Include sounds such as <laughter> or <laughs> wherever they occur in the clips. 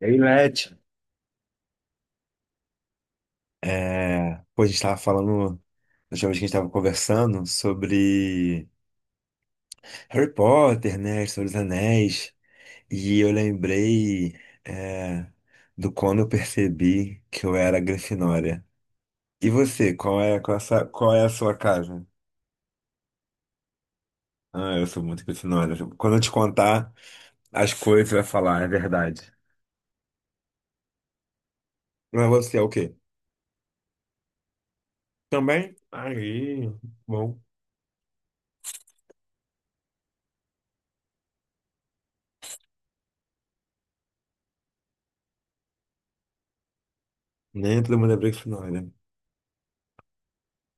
E aí, Leti? É, pô, a gente tava falando, na última vez que a gente tava conversando sobre Harry Potter, né, sobre os Anéis, e eu lembrei, é, do quando eu percebi que eu era Grifinória. E você, qual é a sua casa? Ah, eu sou muito Grifinória. Quando eu te contar as coisas, você vai falar, é verdade. Mas você é o quê? Também? Aí, bom, nem todo mundo é Grifinória.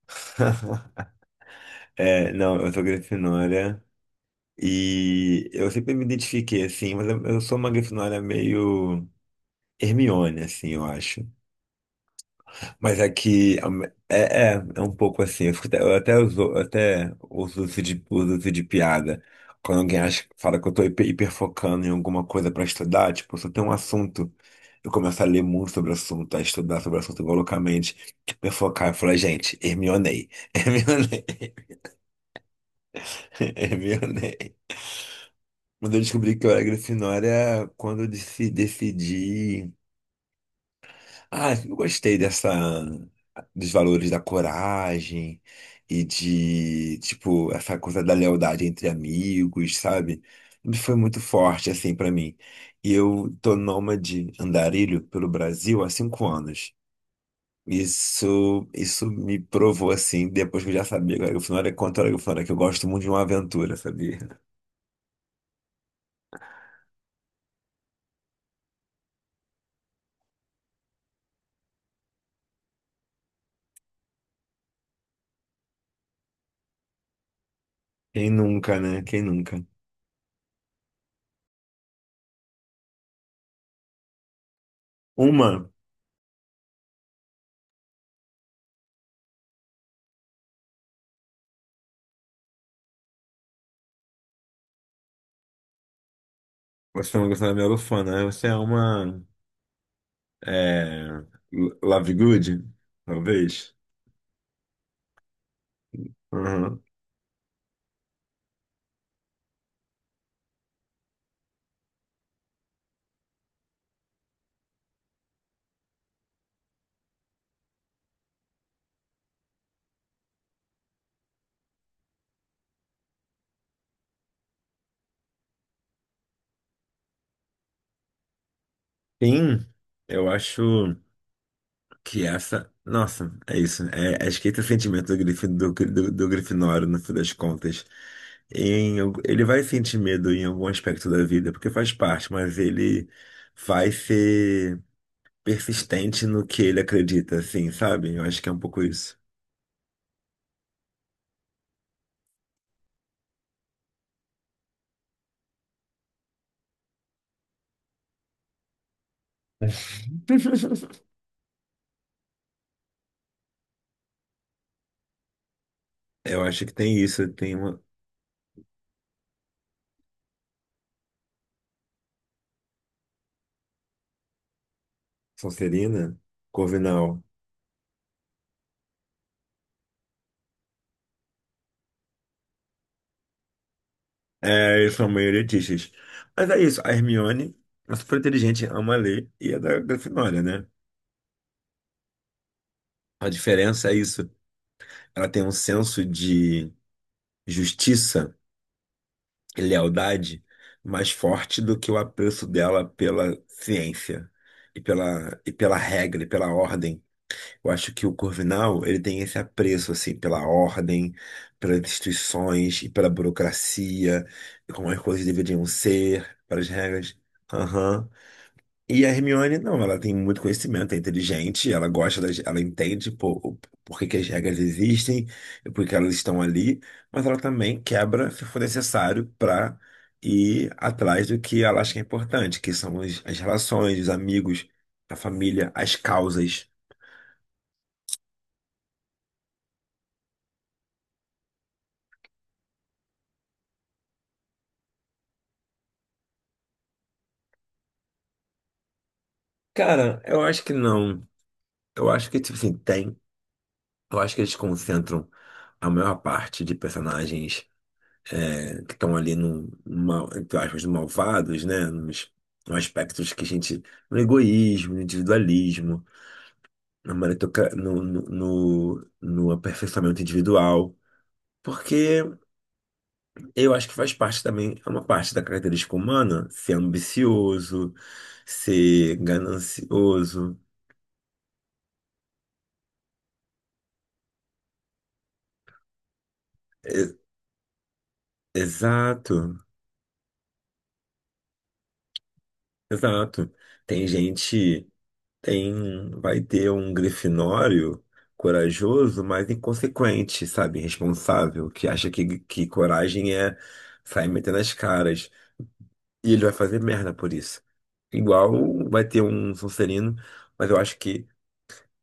<laughs> É, não, eu sou Grifinória e eu sempre me identifiquei assim, mas eu sou uma Grifinória meio Hermione, assim, eu acho. Mas aqui am- é, é, é um pouco assim, eu até uso isso de piada. Quando alguém acha, fala que eu tô hiperfocando em alguma coisa pra estudar, tipo, se eu tenho um assunto, eu começo a ler muito sobre o assunto, a estudar sobre o assunto igual loucamente, hiperfocar, eu falo, gente, Hermionei, <laughs> Hermionei, <laughs> Hermionei. Quando eu descobri que eu era Grifinória, quando eu decidi. Ah, eu gostei dessa, dos valores da coragem e de, tipo, essa coisa da lealdade entre amigos, sabe? Tudo foi muito forte, assim, pra mim. E eu tô nômade andarilho pelo Brasil há 5 anos. Isso me provou, assim, depois que eu já sabia que eu era Grifinória, quanto eu era Grifinória, que eu gosto muito de uma aventura, sabia? Quem nunca, né? Quem nunca? Uma. Você não gostou da Melofona, né? Você é uma. É, Love Good, talvez. Uhum. Sim, eu acho que essa. Nossa, é isso, né? É, acho que esse é o sentimento do, Grif, do Grifinório, no fim das contas. Ele vai sentir medo em algum aspecto da vida, porque faz parte, mas ele vai ser persistente no que ele acredita, assim, sabe? Eu acho que é um pouco isso. <laughs> Eu acho que tem isso, tem uma. Sonserina, Corvinal. É, eles são meio elitistas. Mas é isso, a Hermione é super inteligente, ama ler e é da Grifinória, né? A diferença é isso, ela tem um senso de justiça e lealdade mais forte do que o apreço dela pela ciência e e pela regra e pela ordem. Eu acho que o Corvinal, ele tem esse apreço, assim, pela ordem, pelas instituições e pela burocracia, e como as coisas deveriam ser, pelas regras. Aham. E a Hermione, não, ela tem muito conhecimento, é inteligente, ela entende por que que as regras existem e por que elas estão ali, mas ela também quebra se for necessário para ir atrás do que ela acha que é importante, que são as relações, os amigos, a família, as causas. Cara, eu acho que não. Eu acho que, tipo assim, tem. Eu acho que eles concentram a maior parte de personagens que estão ali no, mal, entre aspas, malvados, né? Nos aspectos que a gente. No egoísmo, no individualismo, na maritoca, no aperfeiçoamento individual. Porque eu acho que faz parte também, é uma parte da característica humana ser ambicioso, ser ganancioso. E- Exato. Exato. Tem gente, vai ter um grifinório corajoso, mas inconsequente, sabe? Irresponsável, que acha que coragem é sair metendo as caras. E ele vai fazer merda por isso. Igual vai ter um Sonserino, mas eu acho que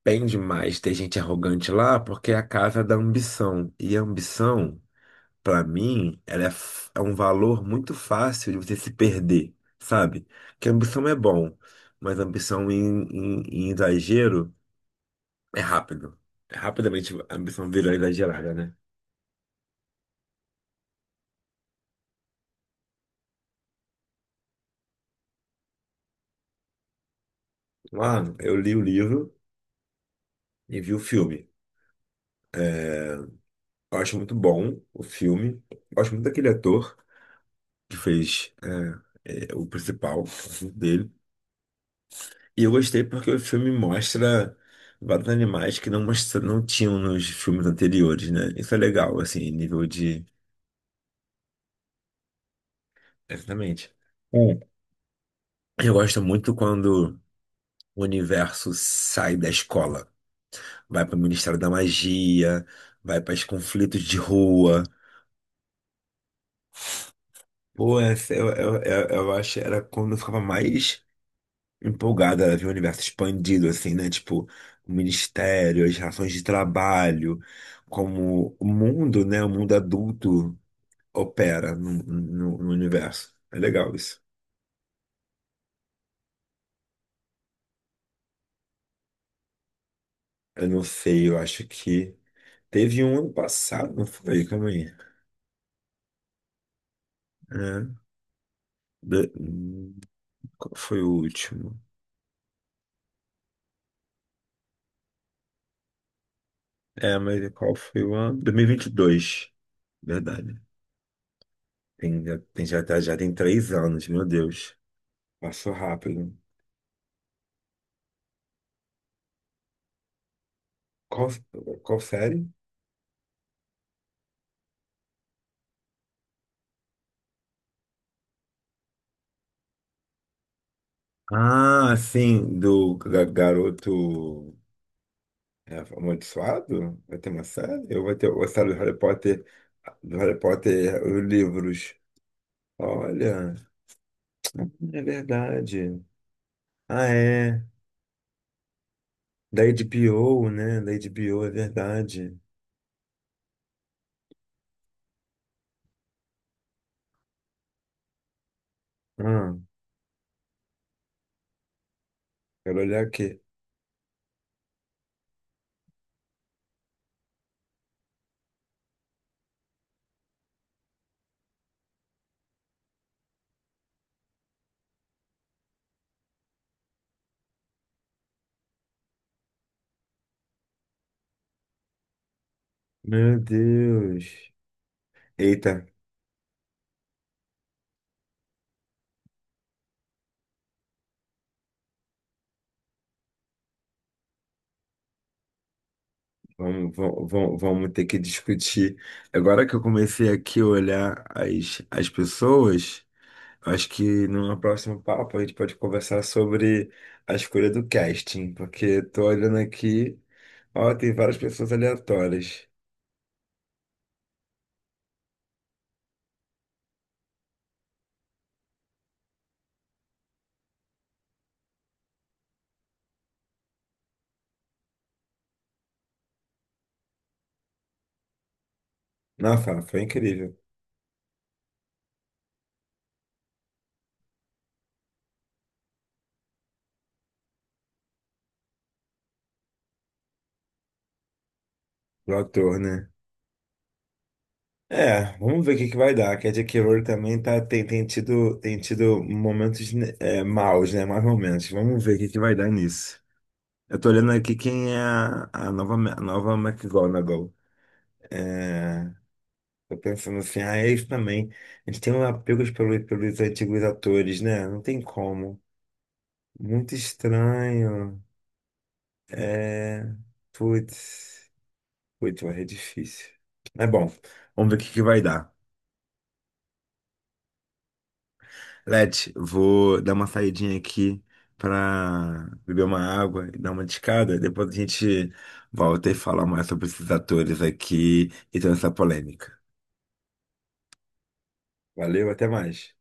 bem demais ter gente arrogante lá, porque é a casa da ambição. E a ambição. Pra mim, ela é um valor muito fácil de você se perder, sabe? Que ambição é bom, mas ambição em exagero é rápido. É rapidamente a ambição virou exagerada, né? Ah, eu li o livro e vi o filme. Eu acho muito bom o filme. Eu gosto muito daquele ator que fez o principal dele. E eu gostei porque o filme mostra vários animais que não, mostra, não tinham nos filmes anteriores, né? Isso é legal, assim, nível de. Exatamente. Hum. Eu gosto muito quando o universo sai da escola, vai para o Ministério da Magia, vai para os conflitos de rua. Pô, eu acho que era quando eu ficava mais empolgada, ela vê o universo expandido, assim, né? Tipo, o ministério, as relações de trabalho, como o mundo, né? O mundo adulto opera no universo. É legal isso. Eu não sei, eu acho que teve um ano passado, não foi? Calma aí. É, do- hum, qual foi o último? É, mas qual foi o ano? Dois mil e vinte e dois. Verdade. Já tem 3 anos, meu Deus. Passou rápido. Qual, qual série? Ah, sim, do garoto amaldiçoado? Vai ter uma série? Eu vou ter a série do Harry Potter, os livros. Olha, é verdade. Ah, é. Da HBO, né? Da HBO, é verdade. Ah, quero olhar aqui. Meu Deus. Eita, vamos ter que discutir. Agora que eu comecei aqui a olhar as pessoas. Acho que numa próxima papo a gente pode conversar sobre a escolha do casting, porque eu tô olhando aqui, ó, tem várias pessoas aleatórias. Nossa, foi incrível. O ator, né? É, vamos ver o que que vai dar. Que a J.K. Rowling também tá, tem tido momentos né, maus, né? Mais momentos. Vamos ver o que que vai dar nisso. Eu tô olhando aqui quem é a nova McGonagall. É, tô pensando assim, ah, eles também. Eles têm um apego pelos antigos atores, né? Não tem como. Muito estranho. É. Putz. Putz, vai ser difícil. É bom. Vamos ver o que que vai dar. Let, vou dar uma saidinha aqui pra beber uma água e dar uma descada. Depois a gente volta e fala mais sobre esses atores aqui e toda essa polêmica. Valeu, até mais.